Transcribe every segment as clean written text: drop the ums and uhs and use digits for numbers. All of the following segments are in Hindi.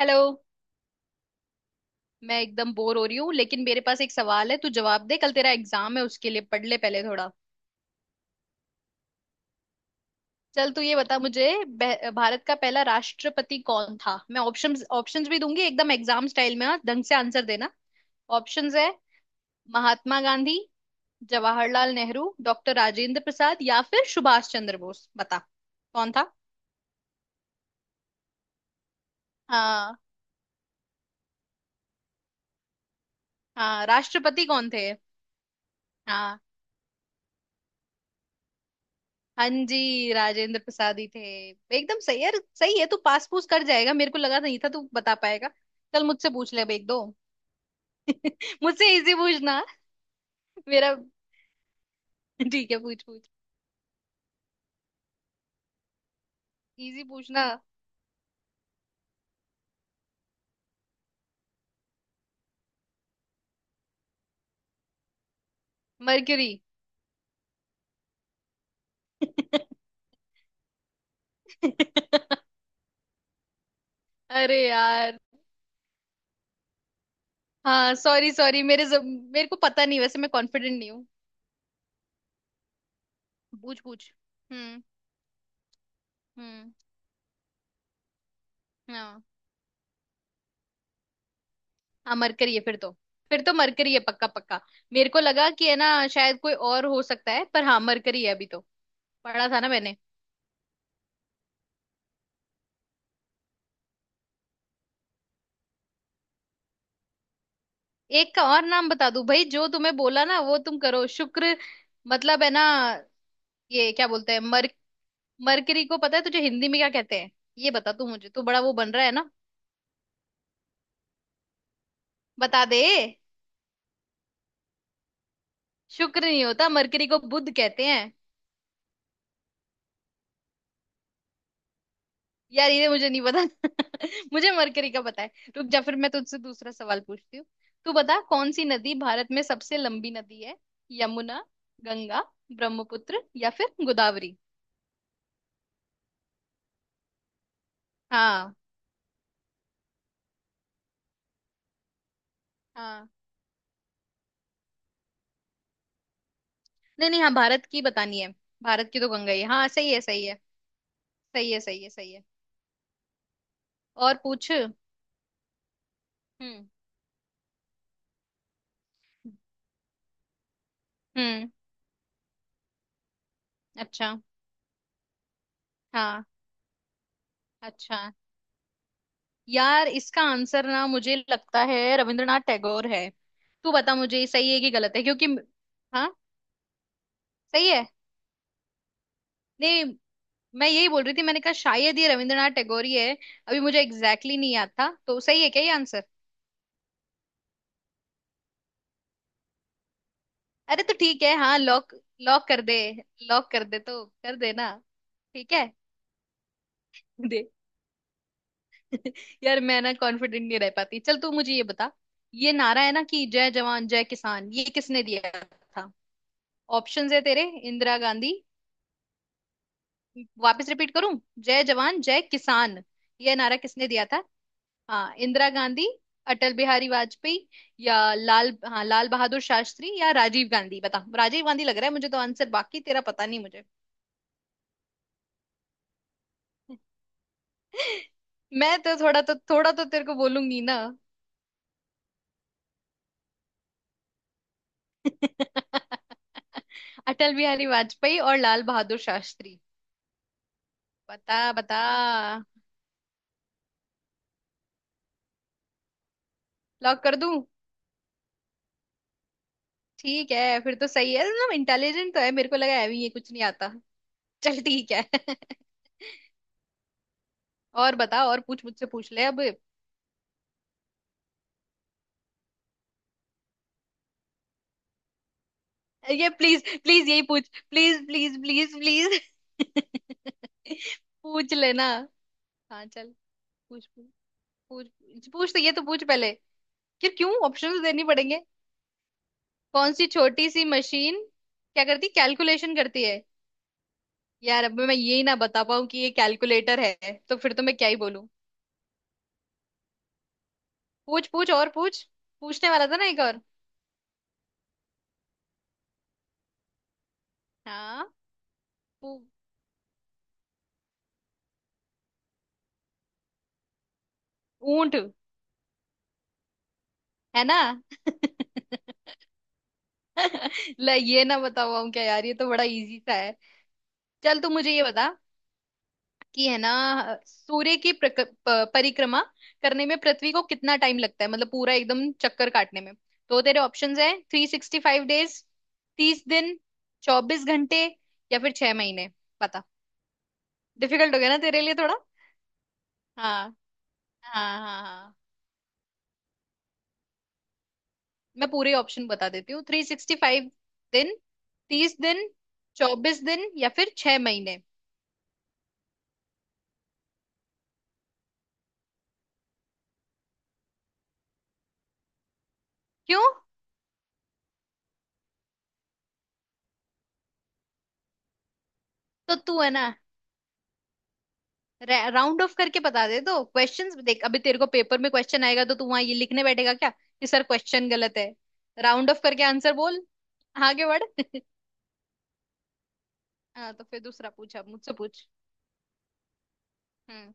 हेलो। मैं एकदम बोर हो रही हूँ लेकिन मेरे पास एक सवाल है। तू जवाब दे। कल तेरा एग्जाम है, उसके लिए पढ़ ले पहले थोड़ा। चल तू ये बता मुझे, भारत का पहला राष्ट्रपति कौन था? मैं ऑप्शंस ऑप्शंस भी दूंगी, एकदम एग्जाम स्टाइल में। हाँ, ढंग से आंसर देना। ऑप्शंस है: महात्मा गांधी, जवाहरलाल नेहरू, डॉक्टर राजेंद्र प्रसाद या फिर सुभाष चंद्र बोस। बता कौन था। हाँ हाँ। राष्ट्रपति कौन थे? हाँ, हाँ जी राजेंद्र प्रसाद ही थे। एकदम सही यार। सही है। तू पास पूछ कर जाएगा। मेरे को लगा नहीं था तू बता पाएगा। चल मुझसे पूछ ले अब एक दो। मुझसे इजी पूछना। मेरा। ठीक है, पूछ पूछ। इजी पूछना। मरक्यूरी। अरे यार। हाँ, सॉरी सॉरी। मेरे जब मेरे को पता नहीं, वैसे मैं कॉन्फिडेंट नहीं हूँ। पूछ पूछ। हम्म। हम्म। हाँ, हाँ मरकरी है फिर तो। फिर तो मरकरी है, पक्का पक्का। मेरे को लगा कि है ना, शायद कोई और हो सकता है, पर हाँ मरकरी है अभी तो। पढ़ा था ना मैंने। एक का और नाम बता दूं? भाई, जो तुम्हें बोला ना वो तुम करो। शुक्र, मतलब है ना, ये क्या बोलते हैं मर... मरकरी को पता है तुझे हिंदी में क्या कहते हैं? ये बता तू मुझे, तू बड़ा वो बन रहा है ना। बता दे। शुक्र नहीं होता, मरकरी को बुध कहते हैं। यार, ये मुझे नहीं पता। मुझे मरकरी का पता है। रुक जा, फिर मैं तुझसे दूसरा सवाल पूछती हूँ। तू बता कौन सी नदी भारत में सबसे लंबी नदी है? यमुना, गंगा, ब्रह्मपुत्र या फिर गोदावरी। हाँ। हाँ, नहीं नहीं, हाँ भारत की बतानी है। भारत की तो गंगा ही है। हाँ, सही है। सही है। सही है। सही है। सही है। और पूछ। हम्म। हम्म। अच्छा। हाँ। अच्छा यार, इसका आंसर ना मुझे लगता है रविंद्रनाथ टैगोर है। तू बता मुझे ये सही है कि गलत है, क्योंकि... हाँ। सही है। नहीं, मैं यही बोल रही थी। मैंने कहा शायद ये रविंद्रनाथ टैगोर ही है। अभी मुझे एग्जैक्टली exactly नहीं याद था। तो सही है क्या ये आंसर? अरे तो ठीक है, हाँ लॉक। लॉक कर दे। लॉक कर दे तो कर दे ना। ठीक है। यार, मैं ना कॉन्फिडेंट नहीं रह पाती। चल तू मुझे ये बता। ये नारा है ना कि जय जवान जय किसान, ये किसने दिया था? ऑप्शंस है तेरे। इंदिरा गांधी। वापस रिपीट करूं? जय जवान जय किसान, ये नारा किसने दिया था? हाँ, इंदिरा गांधी, अटल बिहारी वाजपेयी या लाल बहादुर शास्त्री या राजीव गांधी। बता। राजीव गांधी लग रहा है मुझे तो आंसर, बाकी तेरा पता नहीं मुझे। मैं तो थोड़ा तो तेरे को बोलूंगी ना। अटल बिहारी वाजपेयी और लाल बहादुर शास्त्री। बता बता। लॉक कर दूं? ठीक है फिर तो। सही है ना, इंटेलिजेंट तो है। मेरे को लगा है अभी ये कुछ नहीं आता। चल ठीक है। और बता, और पूछ, मुझसे पूछ ले अब। ये प्लीज प्लीज, यही पूछ, प्लीज प्लीज प्लीज प्लीज। पूछ लेना। हाँ चल। पूछ पूछ। पूछ पूछ, तो ये तो पूछ पहले। फिर क्यों ऑप्शंस देनी पड़ेंगे? कौन सी छोटी सी मशीन क्या करती, कैलकुलेशन करती है? यार अब मैं यही ना बता पाऊँ कि ये कैलकुलेटर है, तो फिर तो मैं क्या ही बोलूं। पूछ पूछ और पूछ। पूछने वाला था ना एक और। हाँ। ऊ- ऊंट है ना। ला ये ना बता पाऊँ क्या यार? ये तो बड़ा इजी सा है। चल तू मुझे ये बता कि है ना, सूर्य की परिक्रमा करने में पृथ्वी को कितना टाइम लगता है? मतलब पूरा एकदम चक्कर काटने में। तो तेरे ऑप्शंस है: 365 डेज, 30 दिन, 24 घंटे या फिर 6 महीने। डिफिकल्ट हो गया ना तेरे लिए थोड़ा। हाँ, हाँ हाँ हाँ। मैं पूरे ऑप्शन बता देती हूँ: 365 दिन, 30 दिन, 24 दिन या फिर छह महीने। क्यों? तो तू है ना राउंड ऑफ करके बता दे। तो क्वेश्चंस देख, अभी तेरे को पेपर में क्वेश्चन आएगा तो तू वहां ये लिखने बैठेगा क्या कि सर क्वेश्चन गलत है? राउंड ऑफ करके आंसर बोल। आगे बढ़। हाँ, तो फिर दूसरा पूछा मुझसे पूछ। हम्म।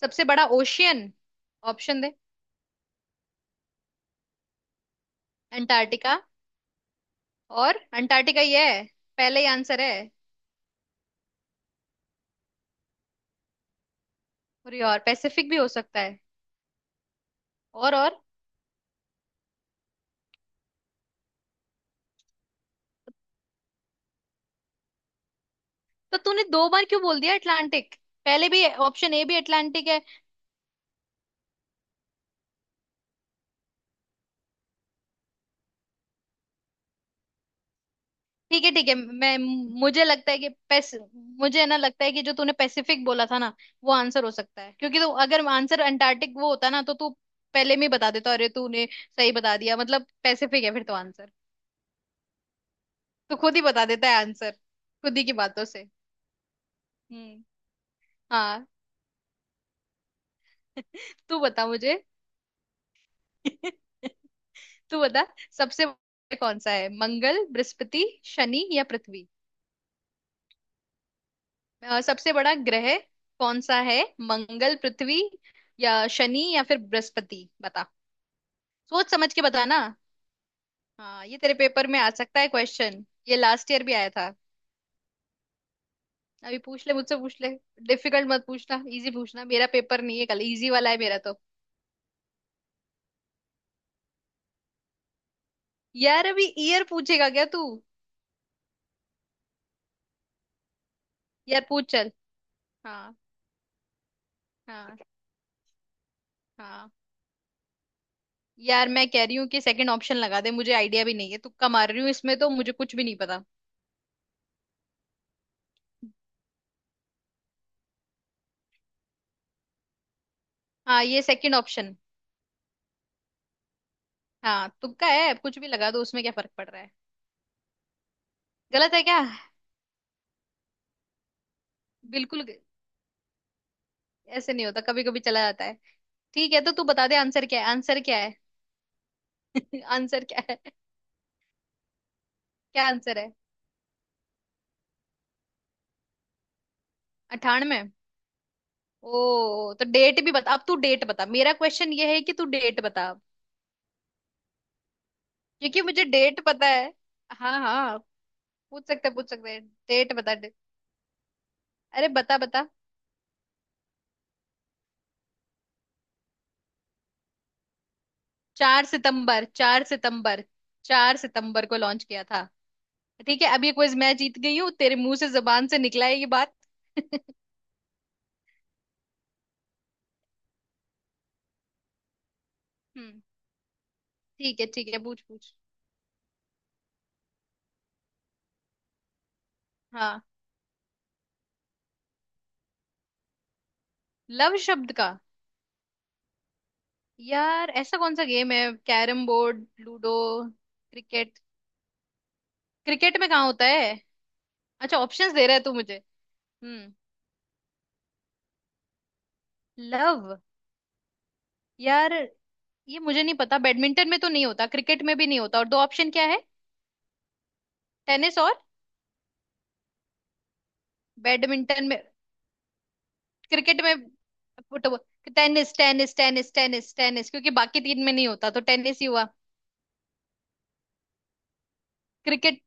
सबसे बड़ा ओशियन? ऑप्शन दे। अंटार्कटिका, और अंटार्कटिका ये है? पहले ही आंसर है। अरे यार, पैसिफिक भी हो सकता है। और और? तो तूने दो बार क्यों बोल दिया अटलांटिक? पहले भी ऑप्शन ए भी अटलांटिक है। ठीक है ठीक है, मैं मुझे लगता है कि पैस... मुझे ना लगता है कि जो तूने पैसिफिक बोला था ना, वो आंसर हो सकता है, क्योंकि तो अगर आंसर अंटार्कटिक वो होता ना, तो तू पहले में ही बता देता। अरे तूने सही बता दिया, मतलब पैसिफिक है फिर तो आंसर। तू खुद ही बता देता है आंसर, खुद ही की बातों से। हम्म। हाँ। तू बता मुझे। तू बता, सबसे बड़ा कौन सा है? मंगल, बृहस्पति, शनि या पृथ्वी। सबसे बड़ा ग्रह कौन सा है? मंगल, पृथ्वी या शनि या फिर बृहस्पति। बता। सोच समझ के बता ना। हाँ, ये तेरे पेपर में आ सकता है क्वेश्चन, ये लास्ट ईयर भी आया था। अभी पूछ ले, मुझसे पूछ ले। डिफिकल्ट मत पूछना, इजी पूछना। मेरा पेपर नहीं है कल, इजी वाला है मेरा तो। यार अभी ईयर पूछेगा क्या तू? यार पूछ चल। हाँ, हाँ, हाँ। यार मैं कह रही हूँ कि सेकंड ऑप्शन लगा दे, मुझे आइडिया भी नहीं है। तुक्का मार रही हूँ इसमें, तो मुझे कुछ भी नहीं पता। हाँ, ये सेकंड ऑप्शन। हाँ तुक्का है, कुछ भी लगा दो, उसमें क्या फर्क पड़ रहा है? गलत है क्या? बिल्कुल ग- ऐसे नहीं होता, कभी कभी चला जाता है। ठीक है, तो तू बता दे आंसर क्या है? आंसर क्या है? आंसर क्या है? क्या आंसर है? 98? ओ, तो डेट भी बता अब तू। डेट बता। मेरा क्वेश्चन ये है कि तू डेट बता, क्योंकि मुझे डेट पता है। हाँ हाँ। पूछ सकते, पूछ सकते, डेट बता date। अरे बता बता। 4 सितंबर, 4 सितंबर, चार सितंबर को लॉन्च किया था। ठीक है, अब ये क्विज मैं जीत गई हूँ, तेरे मुंह से जबान से निकला है ये बात। हम्म। ठीक है ठीक है, पूछ पूछ। हाँ। लव शब्द का? यार ऐसा कौन सा गेम है? Carrom board, ludo, cricket? Cricket में कहाँ होता है? अच्छा, ऑप्शंस दे रहा है तू मुझे। हम्म। लव? यार ये मुझे नहीं पता, बैडमिंटन में तो नहीं होता, क्रिकेट में भी नहीं होता। और दो ऑप्शन क्या है? टेनिस और बैडमिंटन में, क्रिकेट में, football. Tennis tennis tennis tennis tennis, क्योंकि बाकी तीन में नहीं होता तो टेनिस ही हुआ। क्रिकेट।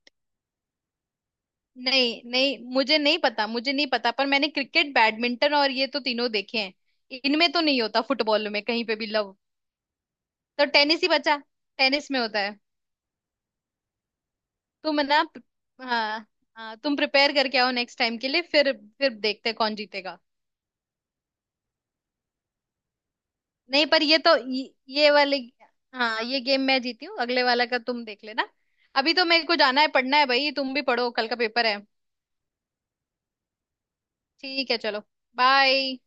नहीं नहीं, मुझे नहीं पता, मुझे नहीं पता, पर मैंने क्रिकेट, बैडमिंटन और ये तो तीनों देखे हैं, इनमें तो नहीं होता, फुटबॉल में कहीं पे भी लव। तो टेनिस ही बचा। टेनिस में होता है। तुम है ना। हाँ। हाँ, तुम प्रिपेयर करके आओ नेक्स्ट टाइम के लिए, फिर देखते हैं कौन जीतेगा। नहीं, पर ये तो ये वाले। हाँ, ये गेम मैं जीती हूँ, अगले वाला का तुम देख लेना। अभी तो मेरे को जाना है, पढ़ना है। भाई, तुम भी पढ़ो, कल का पेपर है। ठीक है, चलो। बाय।